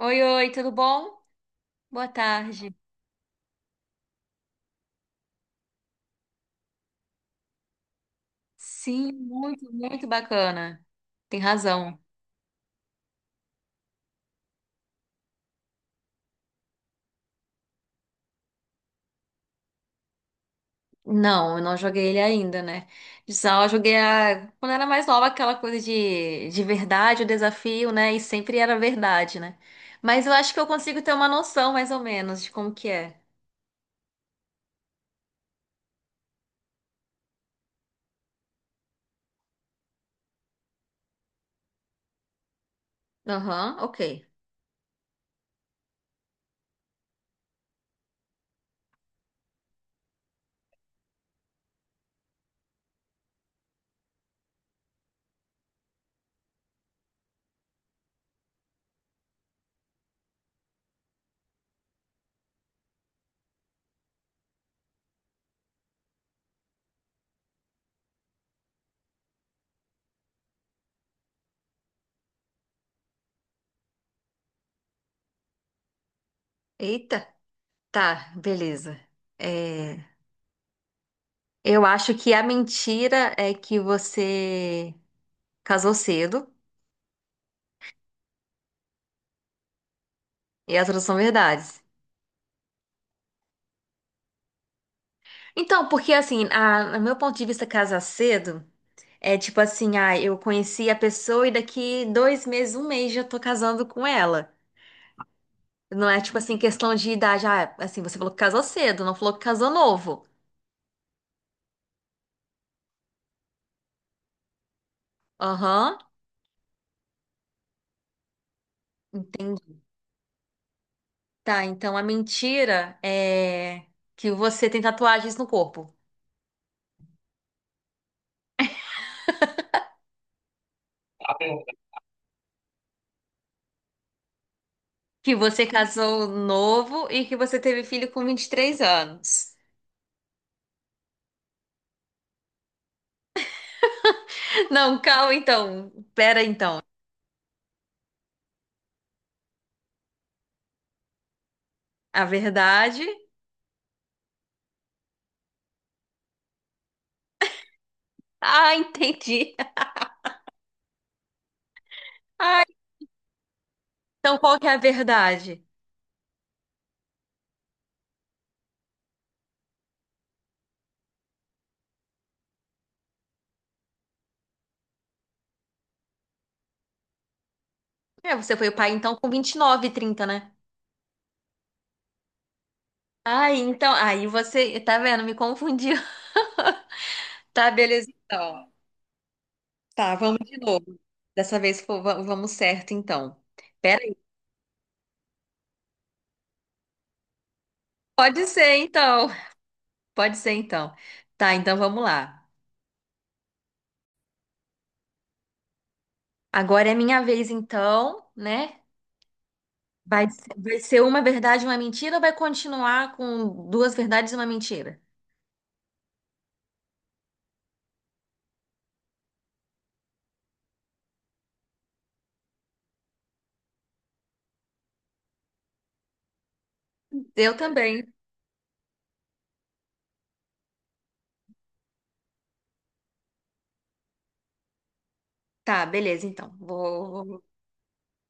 Oi, oi, tudo bom? Boa tarde. Sim, muito, muito bacana. Tem razão. Não, eu não joguei ele ainda, né? Só eu joguei quando era mais nova, aquela coisa de verdade, o desafio, né? E sempre era verdade, né? Mas eu acho que eu consigo ter uma noção, mais ou menos, de como que é. Aham, ok. Eita, tá, beleza. É, Eu acho que a mentira é que você casou cedo e as outras são verdades. Então, porque assim, no meu ponto de vista, casar cedo é tipo assim, eu conheci a pessoa e daqui dois meses, um mês já tô casando com ela. Não é tipo assim, questão de idade. Ah, assim, você falou que casou cedo, não falou que casou novo. Aham, entendi. Tá, então a mentira é que você tem tatuagens no corpo. Que você casou novo e que você teve filho com 23 anos. Não, calma então. Pera então. A verdade. Ah, entendi. Ah, então, qual que é a verdade? É, você foi o pai então com 29, 30, né? Ah, então, aí você, tá vendo? Me confundiu. Tá, beleza, então. Tá, vamos de novo. Dessa vez vamos certo, então. Pera aí. Pode ser, então. Pode ser, então. Tá, então vamos lá. Agora é minha vez, então, né? Vai ser uma verdade e uma mentira ou vai continuar com duas verdades e uma mentira? Eu também. Tá, beleza, então.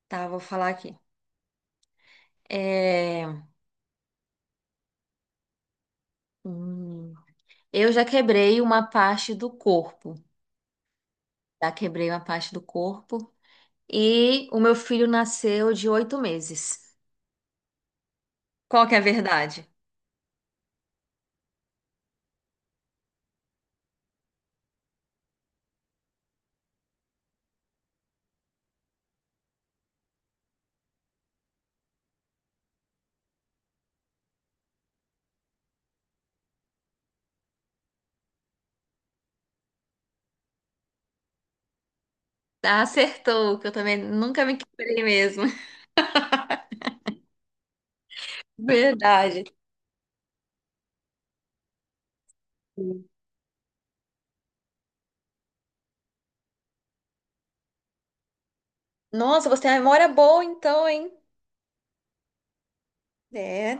Tá, vou falar aqui. É... Hum. Eu já quebrei uma parte do corpo. Já quebrei uma parte do corpo. E o meu filho nasceu de 8 meses. Qual que é a verdade? Ah, acertou, que eu também nunca me quebrei mesmo. Verdade. Nossa, você tem uma memória boa então, hein? É.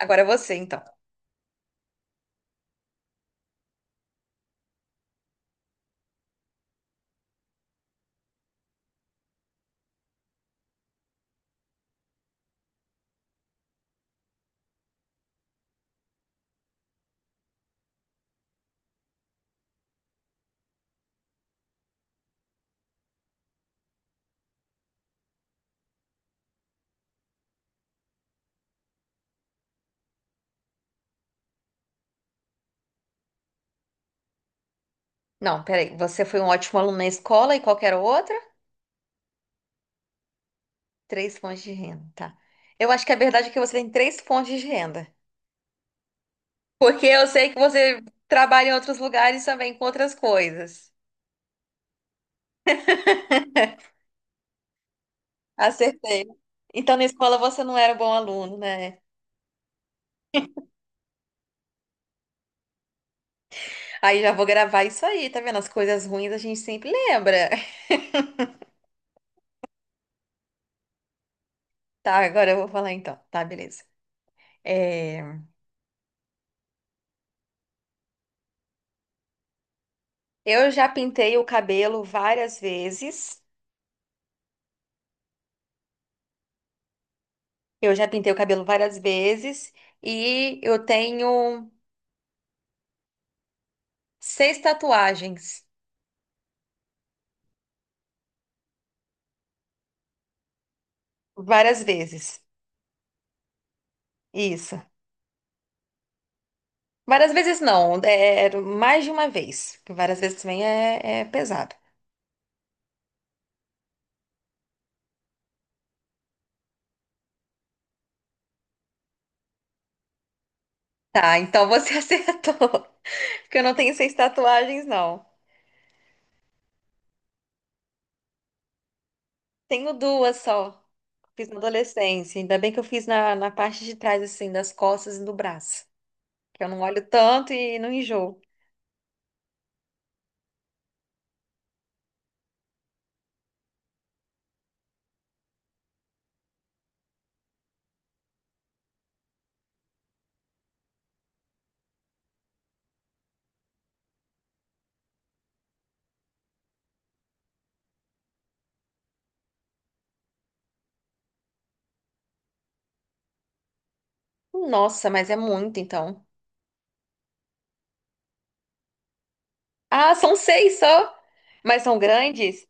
Agora é você, então. Não, peraí. Você foi um ótimo aluno na escola e qual que era a outra? Três fontes de renda, tá. Eu acho que a verdade é que você tem três fontes de renda. Porque eu sei que você trabalha em outros lugares também com outras coisas. Acertei. Então, na escola você não era um bom aluno, né? Aí já vou gravar isso aí, tá vendo? As coisas ruins a gente sempre lembra. Tá, agora eu vou falar então. Tá, beleza. É, Eu já pintei o cabelo várias vezes. Eu já pintei o cabelo várias vezes. E eu tenho 6 tatuagens. Várias vezes. Isso. Várias vezes não, era mais de uma vez. Porque várias vezes também é pesado. Tá, então você acertou. Porque eu não tenho 6 tatuagens, não. Tenho duas só. Fiz na adolescência. Ainda bem que eu fiz na parte de trás, assim, das costas e do braço. Que eu não olho tanto e não enjoo. Nossa, mas é muito, então. Ah, são 6 só? Mas são grandes?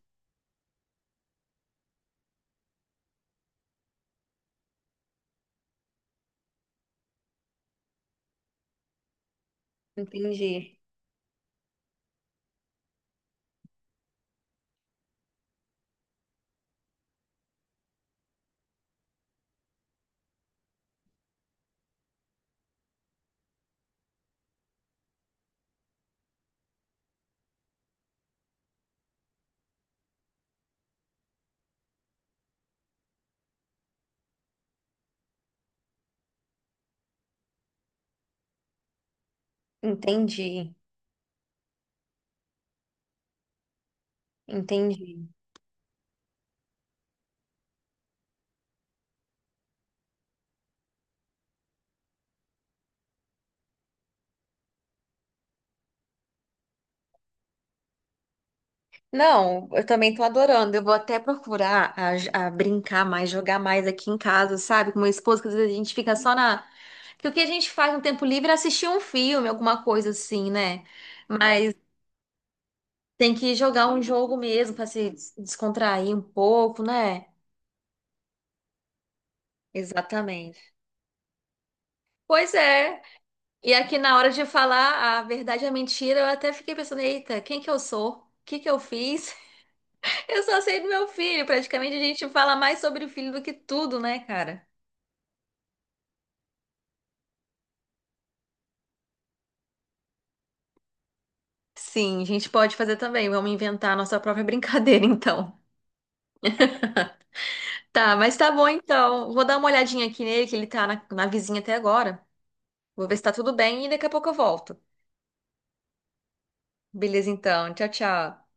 Entendi. Entendi. Entendi. Não, eu também tô adorando. Eu vou até procurar a brincar mais, jogar mais aqui em casa, sabe? Com meu esposo, que às vezes a gente fica só na. Porque o que a gente faz no tempo livre é assistir um filme, alguma coisa assim, né? Mas tem que jogar um jogo mesmo pra se descontrair um pouco, né? Exatamente. Pois é. E aqui na hora de falar a verdade e a mentira, eu até fiquei pensando, eita, quem que eu sou? O que que eu fiz? Eu só sei do meu filho. Praticamente a gente fala mais sobre o filho do que tudo, né, cara? Sim, a gente pode fazer também. Vamos inventar a nossa própria brincadeira, então. Tá, mas tá bom então. Vou dar uma olhadinha aqui nele, que ele tá na vizinha até agora. Vou ver se tá tudo bem e daqui a pouco eu volto. Beleza, então. Tchau, tchau.